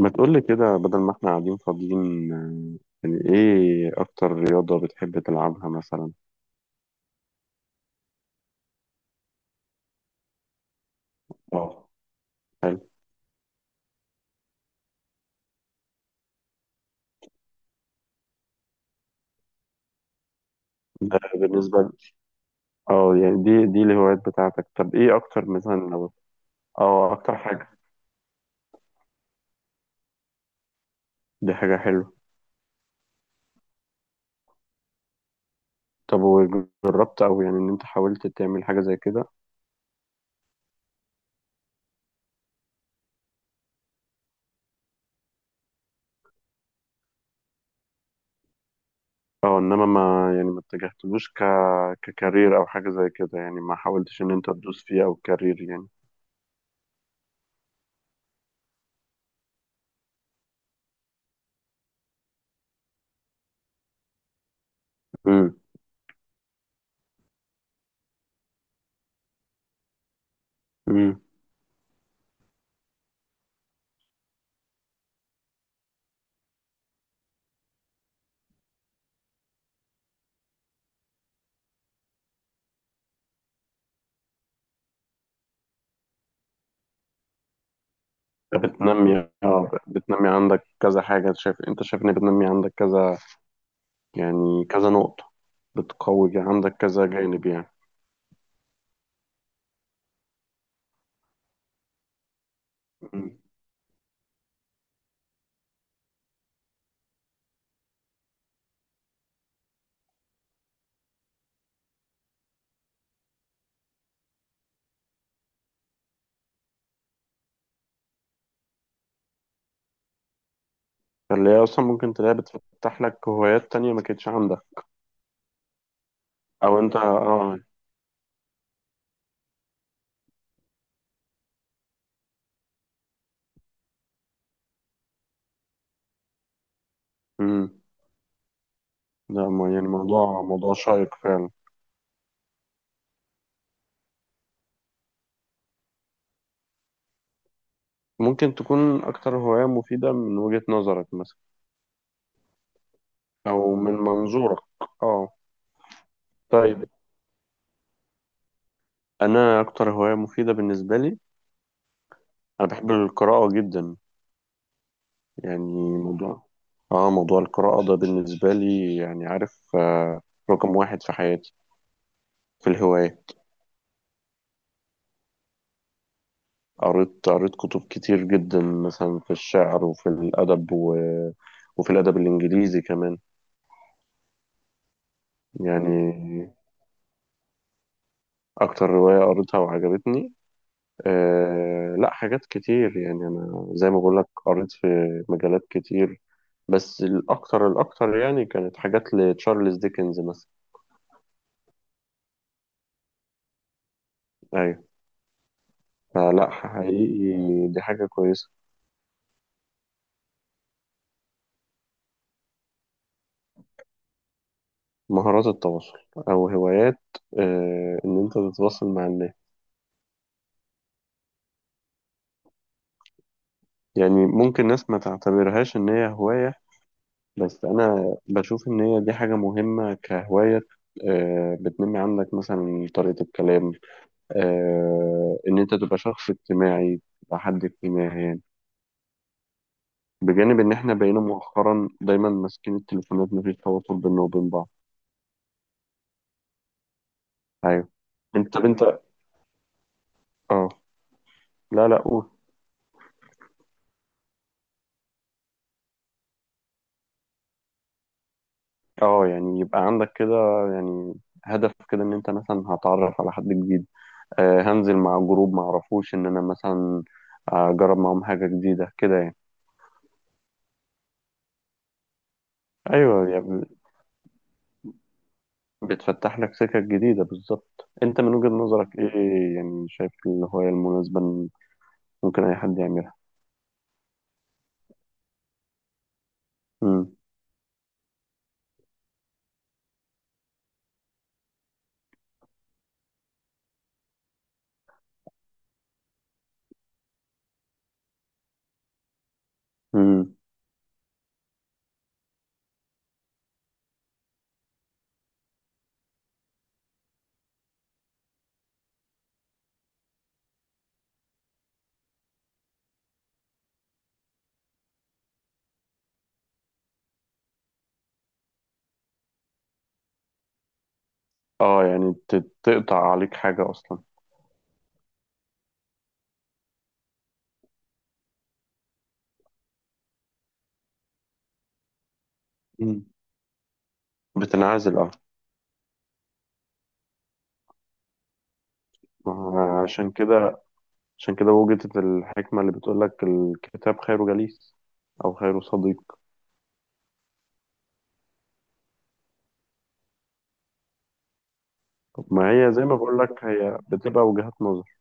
ما تقولي كده بدل ما احنا قاعدين فاضيين آه، يعني ايه اكتر رياضة بتحب تلعبها مثلا؟ اه. حلو. ده بالنسبة ل- اه، يعني دي الهوايات بتاعتك، طب ايه اكتر مثلا لو... اه، اكتر حاجة. دي حاجة حلوة. طب وجربت او يعني ان انت حاولت تعمل حاجة زي كده؟ اه، انما ما اتجهتلوش ككارير او حاجة زي كده، يعني ما حاولتش ان انت تدوس فيه او كارير يعني. امم. امم. بتنمي عندك كذا حاجة، انت شايف ان بتنمي عندك كذا، يعني كذا نقطة. عندك كذا جانب يعني. مم. فاللي هي أصلا ممكن تلاقيها بتفتح لك هوايات تانية ما كانتش عندك. أو أنت آه. مم. ده ما- يعني موضوع شيق فعلا. ممكن تكون أكتر هواية مفيدة من وجهة نظرك مثلا؟ أو من منظورك؟ آه. طيب، أنا أكتر هواية مفيدة بالنسبة لي، أنا بحب القراءة جدا. يعني موضوع... آه، موضوع القراءة ده بالنسبة لي يعني عارف آه، رقم واحد في حياتي في الهواية. قريت كتب كتير جدا مثلا في الشعر وفي الأدب و... وفي الأدب الإنجليزي كمان. مم. يعني أكتر رواية قريتها وعجبتني، أه لا حاجات كتير، يعني أنا زي ما بقولك قريت في مجالات كتير، بس الأكتر الأكتر يعني كانت حاجات لتشارلز ديكنز مثلا. أيوة. فلا حقيقي دي حاجة كويسة. مهارات التواصل، أو هوايات، أه إن أنت تتواصل مع الناس. يعني ممكن ناس ما تعتبرهاش إن هي هواية، بس أنا بشوف إن هي دي حاجة مهمة كهواية. آه، بتنمي عندك مثلا طريقة الكلام، آه، إن أنت تبقى شخص اجتماعي، تبقى حد اجتماعي يعني، بجانب إن إحنا بقينا مؤخرا دايما ماسكين التليفونات مفيش تواصل بيننا وبين بعض. أيوه. أنت طب أنت... أه لا لا قول. أه، يعني يبقى عندك كده يعني هدف كده إن أنت مثلا هتعرف على حد جديد، آه، هنزل مع جروب معرفوش، إن أنا مثلا أجرب معاهم حاجة جديدة كده يعني. ايوه يعني، بتفتح لك سكك جديدة. بالظبط، انت من وجهة نظرك ايه، يعني شايف الهواية المناسبة إن ممكن اي حد يعملها؟ امم. امم. اه، يعني تقطع عليك حاجة اصلا. مم. بتنعزل اه. آه، عشان كده، عشان كده وجدت الحكمة اللي بتقول لك الكتاب خير جليس او خير صديق. ما هي زي ما بقول لك هي بتبقى وجهات نظر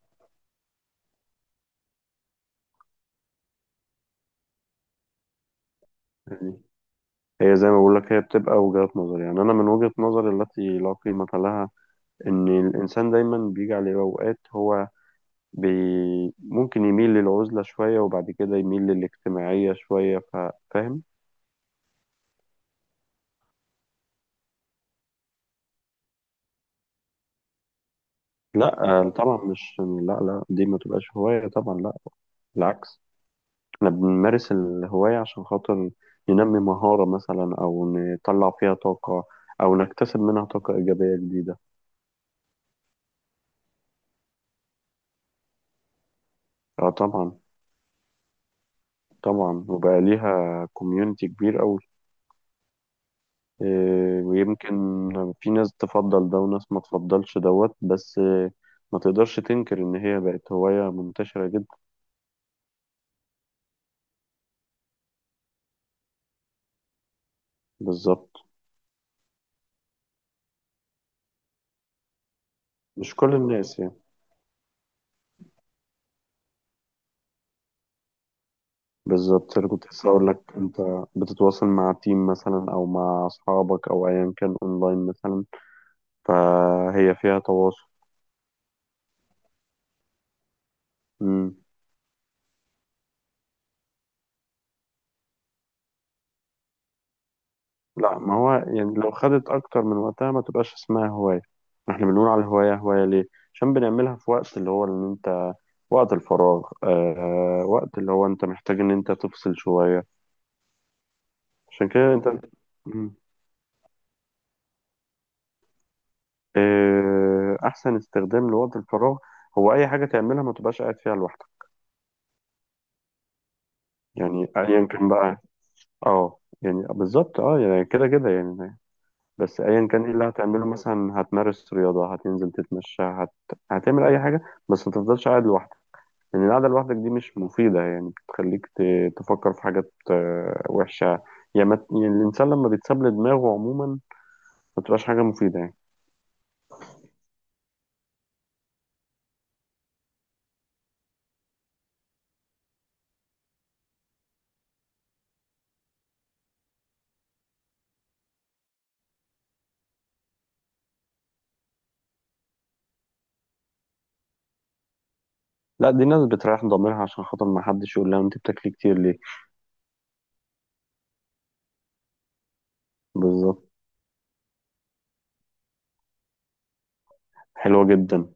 يعني. هي زي ما بقول لك هي بتبقى وجهات نظر، يعني انا من وجهة نظري التي لا قيمة لها، ان الانسان دايما بيجي عليه اوقات هو بي ممكن يميل للعزلة شوية وبعد كده يميل للاجتماعية شوية ف... فاهم؟ لا آه، طبعا مش، لا لا دي ما تبقاش هواية طبعا، لا بالعكس، احنا بنمارس الهواية عشان خاطر ننمي مهارة مثلا أو نطلع فيها طاقة أو نكتسب منها طاقة إيجابية جديدة. اه طبعا. طبعا، وبقى ليها كوميونتي كبير أوي، إيه، ويمكن في ناس تفضل ده وناس ما تفضلش دوت، بس آه، ما تقدرش تنكر إن هي بقت هواية منتشرة جدا. بالظبط. مش كل الناس يعني. بالظبط اللي كنت لسه هقول لك، انت بتتواصل مع تيم مثلا او مع اصحابك او ايا كان اونلاين مثلا، فهي فيها تواصل. مم. لا، ما هو يعني لو خدت اكتر من وقتها ما تبقاش اسمها هواية. احنا بنقول على الهواية هواية ليه؟ عشان بنعملها في وقت اللي هو ان انت وقت الفراغ، آه وقت اللي هو انت محتاج ان انت تفصل شوية، عشان كده انت... مم. آه، احسن استخدام لوقت الفراغ هو اي حاجة تعملها ما تبقاش قاعد فيها لوحدك. يعني ايا كان بقى. اه يعني بالظبط، اه يعني كده كده يعني. بس ايا كان ايه اللي هتعمله، مثلا هتمارس رياضة، هتنزل تتمشى، هت... هتعمل اي حاجة، بس ما تفضلش قاعد لوحدك، لان القعدة لوحدك دي مش مفيدة، يعني بتخليك ت... تفكر في حاجات آه، وحشة. يعني، ما... يعني الانسان لما بيتساب لدماغه عموما ما بتبقاش حاجة مفيدة يعني. لا، دي ناس بتريح ضميرها عشان خاطر ما حدش يقول لها انت بتاكلي كتير ليه. بالظبط. حلوة جدا.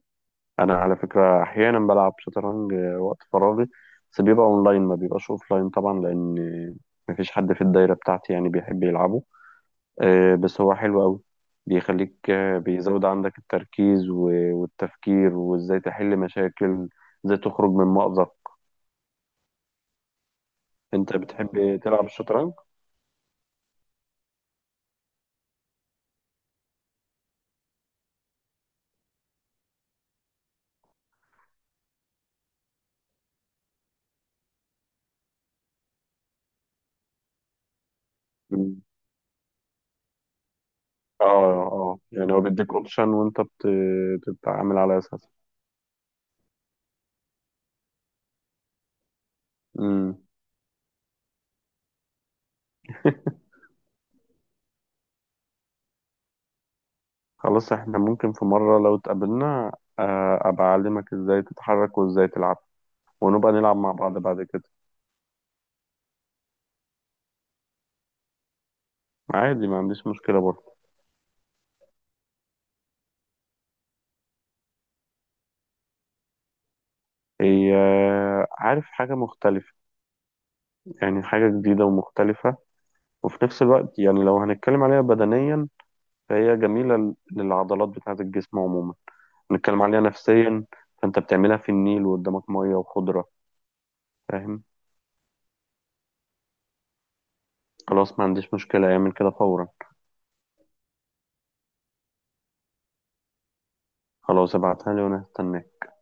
انا على فكره احيانا بلعب شطرنج آه، وقت فراغي، بس بيبقى اونلاين ما بيبقاش اوفلاين طبعا، لان مفيش حد في الدايره بتاعتي يعني بيحب يلعبه. آه، بس هو حلو قوي، بيخليك آه، بيزود عندك التركيز والتفكير وازاي تحل مشاكل، ازاي تخرج من مأزق. انت بتحب تلعب الشطرنج؟ مم. اه. اه يعني هو بيديك اوبشن وانت بتتعامل على اساسه. مم. خلاص، احنا ممكن في مرة لو اتقابلنا آه، ابقى اعلمك ازاي تتحرك وازاي تلعب، ونبقى نلعب مع بعض بعد كده. عادي ما عنديش مشكلة برضه. هي آه، عارف، حاجة مختلفة، يعني حاجة جديدة ومختلفة، وفي نفس الوقت يعني لو هنتكلم عليها بدنيا فهي جميلة للعضلات بتاعة الجسم عموما. نتكلم عليها نفسيا، فانت بتعملها في النيل وقدامك مية وخضرة، فاهم؟ خلاص ما عنديش مشكلة، اعمل كده فورا. خلاص، ابعتها لي وانا هستناك.